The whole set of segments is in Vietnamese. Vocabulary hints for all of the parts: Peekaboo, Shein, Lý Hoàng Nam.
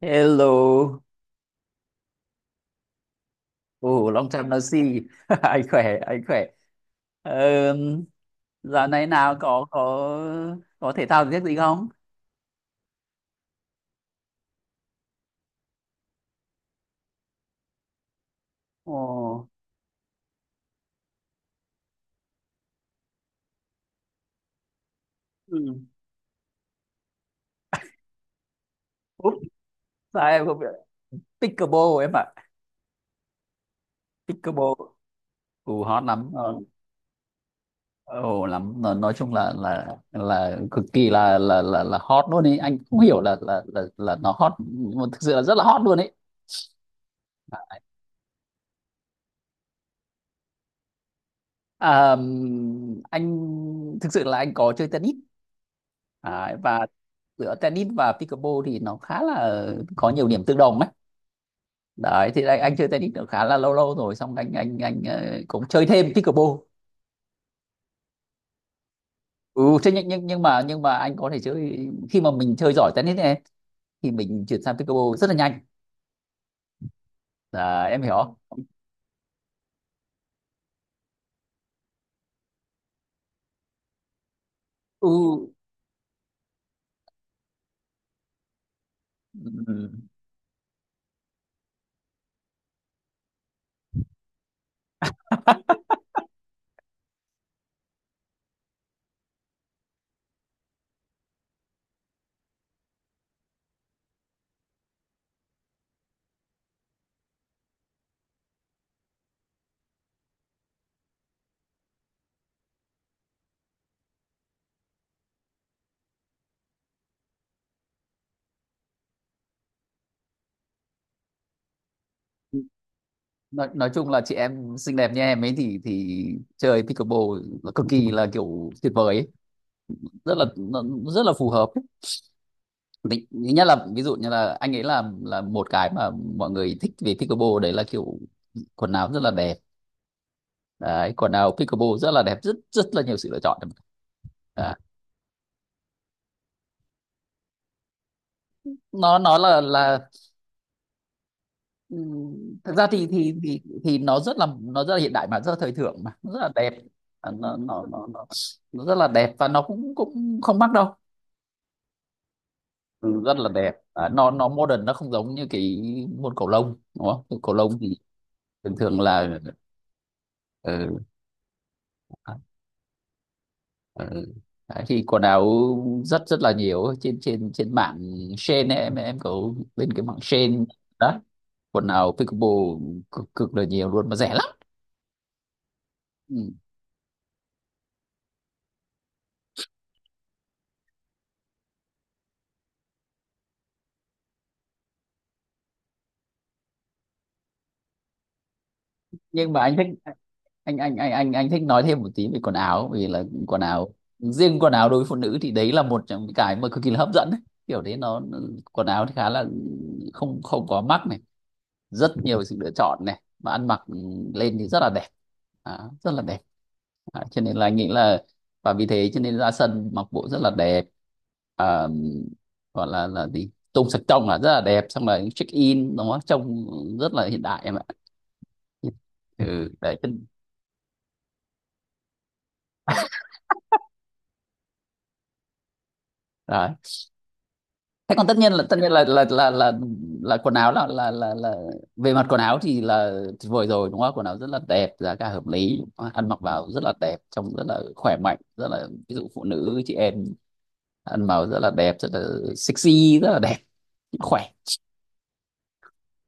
Hello, ồ, long time no see. Anh khỏe, anh khỏe. Um, dạo này nào có thể thao giết gì không? Ồ, ừ. Úp, sao em không biết? Pickleball em ạ, pickleball, ồ hot lắm. Ờ, ồ lắm. Nói chung là cực kỳ là hot luôn ấy. Anh không hiểu là nó hot, nhưng mà thực sự là rất là hot luôn ấy. À, anh thực sự là anh có chơi tennis đấy, và giữa tennis và pickleball thì nó khá là có nhiều điểm tương đồng ấy. Đấy thì anh chơi tennis được khá là lâu lâu rồi, xong anh cũng chơi thêm pickleball. Ừ, thế nhưng mà anh có thể chơi khi mà mình chơi giỏi tennis này, thì mình chuyển sang pickleball rất là nhanh. Đấy, em hiểu không? Ừ. Ừ. Nói chung là chị em xinh đẹp như em ấy thì chơi pickleball là cực kỳ là kiểu tuyệt vời ấy. Rất là rất là phù hợp. Thứ nhất là ví dụ như là anh ấy, là một cái mà mọi người thích về pickleball đấy là kiểu quần áo rất là đẹp. Đấy, quần áo pickleball rất là đẹp, rất rất là nhiều sự lựa chọn. Đấy. Nó là thực ra thì nó rất là, nó rất là hiện đại mà rất là thời thượng mà nó rất là đẹp. À, nó rất là đẹp và nó cũng cũng không mắc đâu. Ừ, rất là đẹp. À, nó modern, nó không giống như cái môn cầu lông đúng không? Cầu lông thì thường thường là ừ. Ừ. Đấy, thì quần áo rất rất là nhiều trên trên trên mạng Shein ấy, em có bên cái mạng Shein đó quần áo pickleball cực cực là nhiều luôn mà rẻ lắm. Ừ. Nhưng mà anh thích, anh thích nói thêm một tí về quần áo, vì là quần áo, riêng quần áo đối với phụ nữ thì đấy là một trong những cái mà cực kỳ là hấp dẫn ấy. Kiểu đấy, nó quần áo thì khá là không không có mắc này, rất nhiều sự lựa chọn này, mà ăn mặc lên thì rất là đẹp. Đó, rất là đẹp. À, cho nên là nghĩ là, và vì thế cho nên ra sân mặc bộ rất là đẹp. À, gọi là gì tông sạch trông là rất là đẹp, xong rồi check in nó trông rất là hiện đại em ạ. Ừ, đấy. Thế còn tất nhiên là, quần áo là, về mặt quần áo thì là tuyệt vời rồi đúng không? Quần áo rất là đẹp, giá cả hợp lý, ăn mặc vào rất là đẹp, trông rất là khỏe mạnh, rất là, ví dụ phụ nữ chị em ăn vào rất là đẹp, rất là sexy, rất là đẹp, khỏe.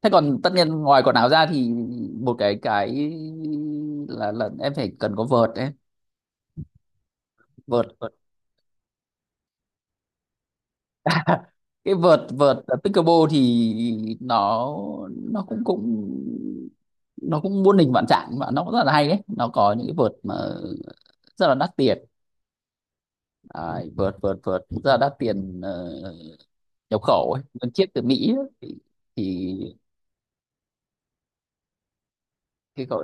Thế còn tất nhiên ngoài quần áo ra thì một cái là em phải cần có vợt đấy. Vợt, vợt. Cái vợt, vợt ở pickleball thì nó cũng cũng nó cũng muôn hình vạn trạng, mà nó cũng rất là hay đấy. Nó có những cái vợt mà rất là đắt tiền. À, vợt vợt vợt rất là đắt tiền. Ờ, Nhập khẩu ấy. Một chiếc từ Mỹ ấy, thì cái cậu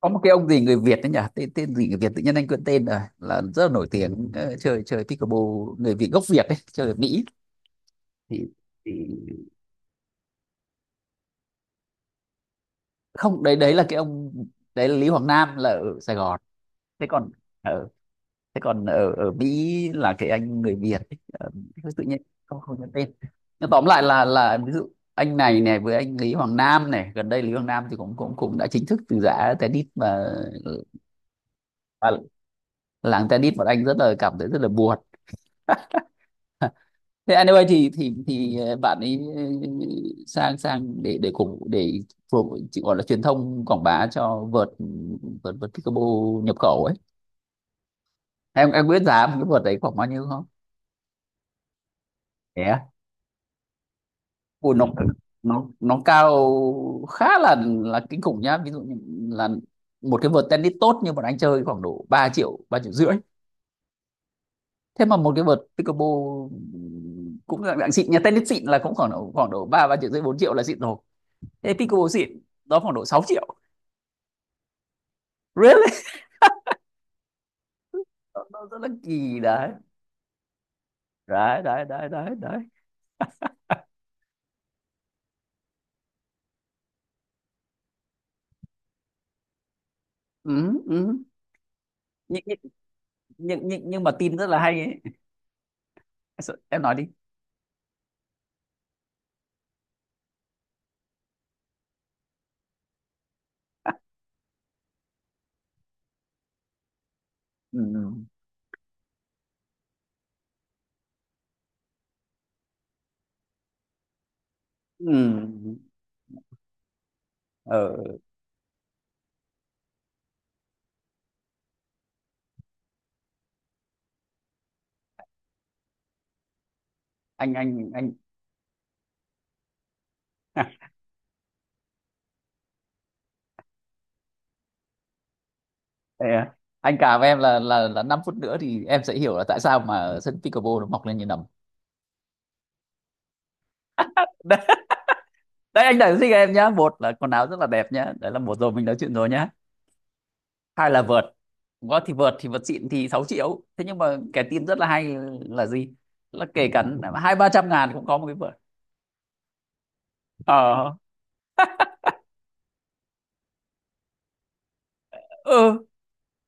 có một cái ông gì người Việt đấy nhỉ, tên tên gì người Việt, tự nhiên anh quên tên rồi, là rất là nổi tiếng, chơi, chơi pickleball, người Việt gốc Việt đấy chơi ở Mỹ thì, thì không, đấy đấy là cái ông, đấy là Lý Hoàng Nam là ở Sài Gòn. Thế còn ở, thế còn ở ở Mỹ là cái anh người Việt ấy. Ờ, tự nhiên không không nhớ tên. Nhưng tóm lại là ví dụ anh này này với anh Lý Hoàng Nam này gần đây, Lý Hoàng Nam thì cũng cũng cũng đã chính thức từ giã tennis mà, và làng tennis bọn anh rất là cảm thấy rất là buồn. Thế anh ơi thì bạn ấy sang, sang để cùng để phục chị gọi là truyền thông quảng bá cho vợt, vợt vợt Peekaboo nhập khẩu ấy. Em biết giá một cái vợt đấy khoảng bao nhiêu không? Thế. Yeah. Ui, nó, nó cao, khá là kinh khủng nhá. Ví dụ như là một cái vợt tennis tốt như bọn anh chơi khoảng độ 3 triệu 3,5 triệu Thế mà một cái vợt Peekaboo cũng dạng dạng xịn nhà, tennis xịn là cũng khoảng độ, khoảng độ 3, 3,5 triệu 4 triệu là xịn rồi. Thế Peekaboo xịn đó khoảng độ 6 triệu. Really? Nó kỳ đấy. Đấy, đấy, đấy, đấy, đấy. Ừ, ừ. Nhưng, nhưng, nhưng, mà tin rất là hay ấy. Em nói đi. Ừ. Ừ. Ờ, anh. Thế à? Anh cả với em là 5 phút nữa thì em sẽ hiểu là tại sao mà ở sân pickleball nó mọc lên như nấm. Đấy, đấy anh đã sinh em nhá. Một là quần áo rất là đẹp nhá. Đấy là một rồi, mình nói chuyện rồi nhá. Hai là vợt. Có thì vợt, thì vợt xịn thì 6 triệu. Thế nhưng mà cái tin rất là hay là gì? Là kể cả 2-300 ngàn cũng có một cái vợt. Ờ. Ừ.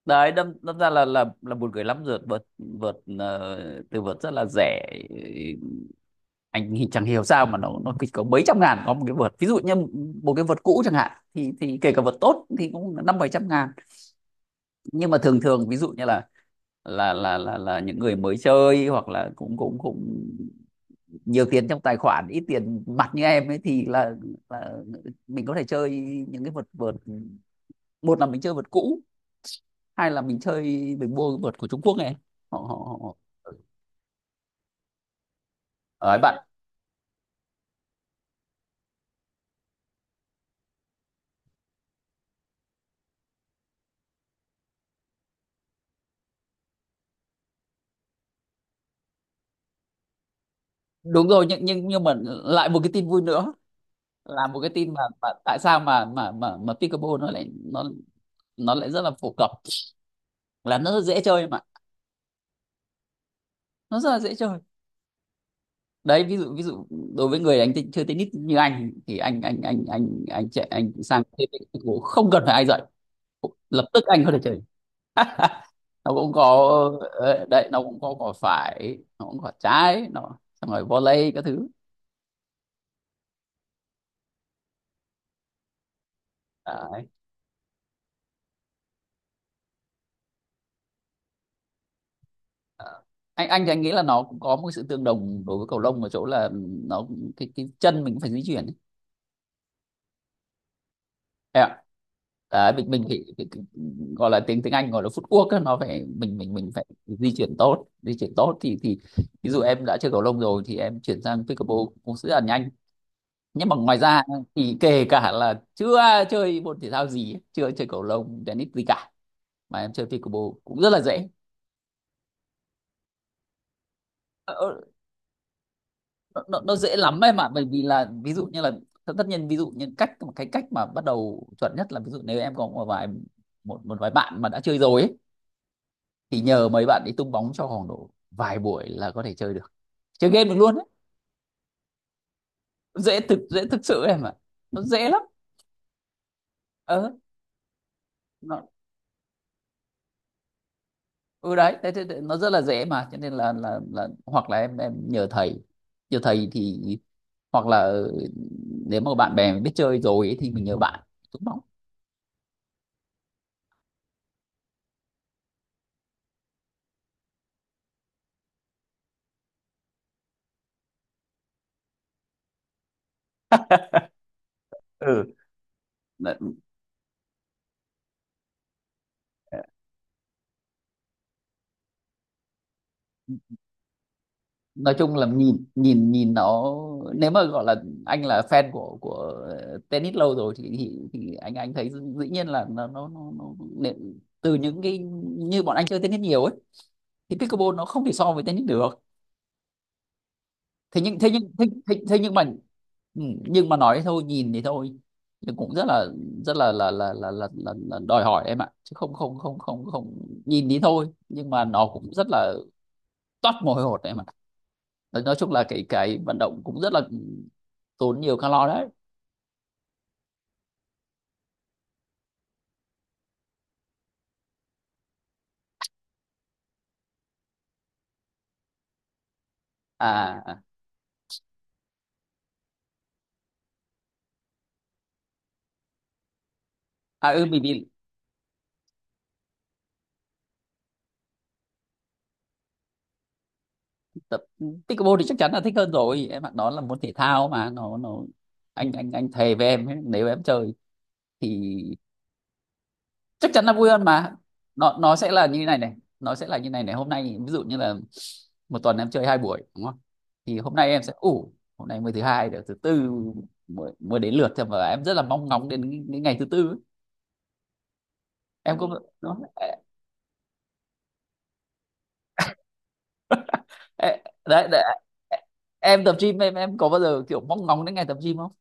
Đấy, đâm đâm ra là buồn cười lắm, vượt, vượt vượt từ vượt rất là rẻ. Anh thì chẳng hiểu sao mà nó chỉ có mấy trăm ngàn có một cái vợt. Ví dụ như một cái vợt cũ chẳng hạn thì kể cả vợt tốt thì cũng 5-700 ngàn. Nhưng mà thường thường ví dụ như là là những người mới chơi, hoặc là cũng cũng cũng nhiều tiền trong tài khoản, ít tiền mặt như em ấy, thì là mình có thể chơi những cái vợt, vợt, một là mình chơi vợt cũ, hay là mình chơi, mình mua cái vợt của Trung Quốc này. Họ họ Họ. Ấy bạn, đúng rồi. Nhưng mà lại một cái tin vui nữa là một cái tin mà tại sao mà pickleball nó lại rất là phổ cập. Là nó rất dễ chơi mà, nó rất là dễ chơi. Đấy, ví dụ, ví dụ đối với người đánh chơi tennis như anh thì anh chạy, anh sang chơi pickleball không cần phải ai dạy, lập tức anh có thể chơi. Nó cũng có, đấy nó cũng có cỏ phải, nó cũng có quả trái nó, xong rồi volley các thứ. Anh thì anh nghĩ là nó cũng có một sự tương đồng đối với cầu lông ở chỗ là nó, cái chân mình cũng phải di chuyển ấy. Em ạ. Đấy, mình phải, phải, phải gọi là tiếng, tiếng Anh gọi là footwork ấy, nó phải, mình phải di chuyển tốt, di chuyển tốt thì ví dụ em đã chơi cầu lông rồi thì em chuyển sang pickleball cũng sẽ là nhanh. Nhưng mà ngoài ra thì kể cả là chưa chơi môn thể thao gì, chưa chơi cầu lông tennis gì cả mà em chơi pickleball cũng rất là dễ. Ờ, ờ, nó dễ lắm em ạ. Bởi vì là ví dụ như là tất, tất nhiên ví dụ như cách, một cái cách mà bắt đầu chuẩn nhất là ví dụ nếu em có một một vài bạn mà đã chơi rồi ấy, thì nhờ mấy bạn đi tung bóng cho khoảng độ vài buổi là có thể chơi được, chơi game được luôn ấy. Dễ thực, dễ thực sự em ạ, nó dễ lắm. Ờ. Nó. Ừ đấy thế, thế, thế, nó rất là dễ, mà cho nên là hoặc là em nhờ thầy, nhờ thầy thì hoặc là nếu mà bạn bè mình biết chơi rồi ấy, thì mình nhờ bạn tung bóng. Ừ. Nói chung là nhìn, nhìn nhìn nó, nếu mà gọi là anh là fan của tennis lâu rồi thì anh thấy dĩ nhiên là nó nó để- từ những cái như bọn anh chơi tennis nhiều ấy thì pickleball nó không thể so với tennis được. Thế nhưng thế nhưng thế, thế, thế nhưng mà ừ, nhưng mà nói thôi, nhìn thì thôi, nhưng cũng rất là, rất là là đòi hỏi em ạ, chứ không, không không không không nhìn thì thôi, nhưng mà nó cũng rất là toát mồ hôi hột em ạ. Nói chung là cái vận động cũng rất là tốn nhiều calo đấy. À, à. Ừ. Mình bị, tập pickleball thì chắc chắn là thích hơn rồi em bạn đó, là môn thể thao mà nó, anh thề với em ấy, nếu em chơi thì chắc chắn là vui hơn mà. Nó sẽ là như này này, nó sẽ là như này này, hôm nay ví dụ như là một tuần em chơi 2 buổi đúng không, thì hôm nay em sẽ ủ, hôm nay mới thứ hai được, thứ tư mới, mới đến lượt thôi, mà em rất là mong ngóng đến cái ngày thứ tư ấy. Em có đó. Ê, đấy, đấy, em tập gym em có bao giờ kiểu mong ngóng đến ngày tập gym không?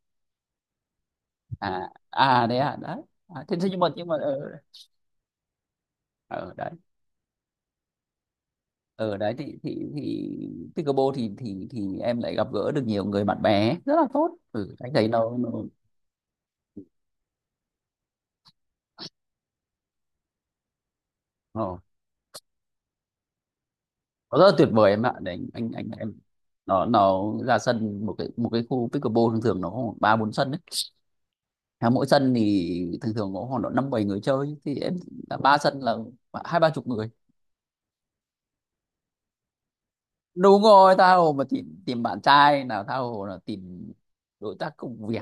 À, à đấy, à đấy. À, thế thế nhưng mà, nhưng mà ở, ở đấy, ở đấy thì pickleball thì em lại gặp gỡ được nhiều người, bạn bè rất là tốt. Ừ, anh thấy nó nó rất là tuyệt vời em ạ. Đấy, anh em. Nó ra sân một cái, một cái khu pickleball thường thường nó khoảng 3-4 sân đấy. À, mỗi sân thì thường thường có khoảng độ 5-7 người chơi, thì em, là ba sân là 2-3 chục người. Đúng rồi, tha hồ mà tìm, tìm bạn trai nào, tha hồ là tìm đối tác công việc.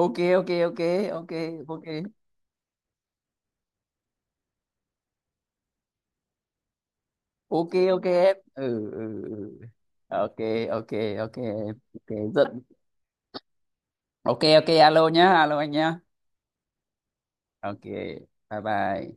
OK, OK, OK. OK, OK, OK. OK em, ừ, ừ, ừ. OK, OK. OK, OK giận. OK, OK, alo nhá, alo anh nhá. OK, bye bye.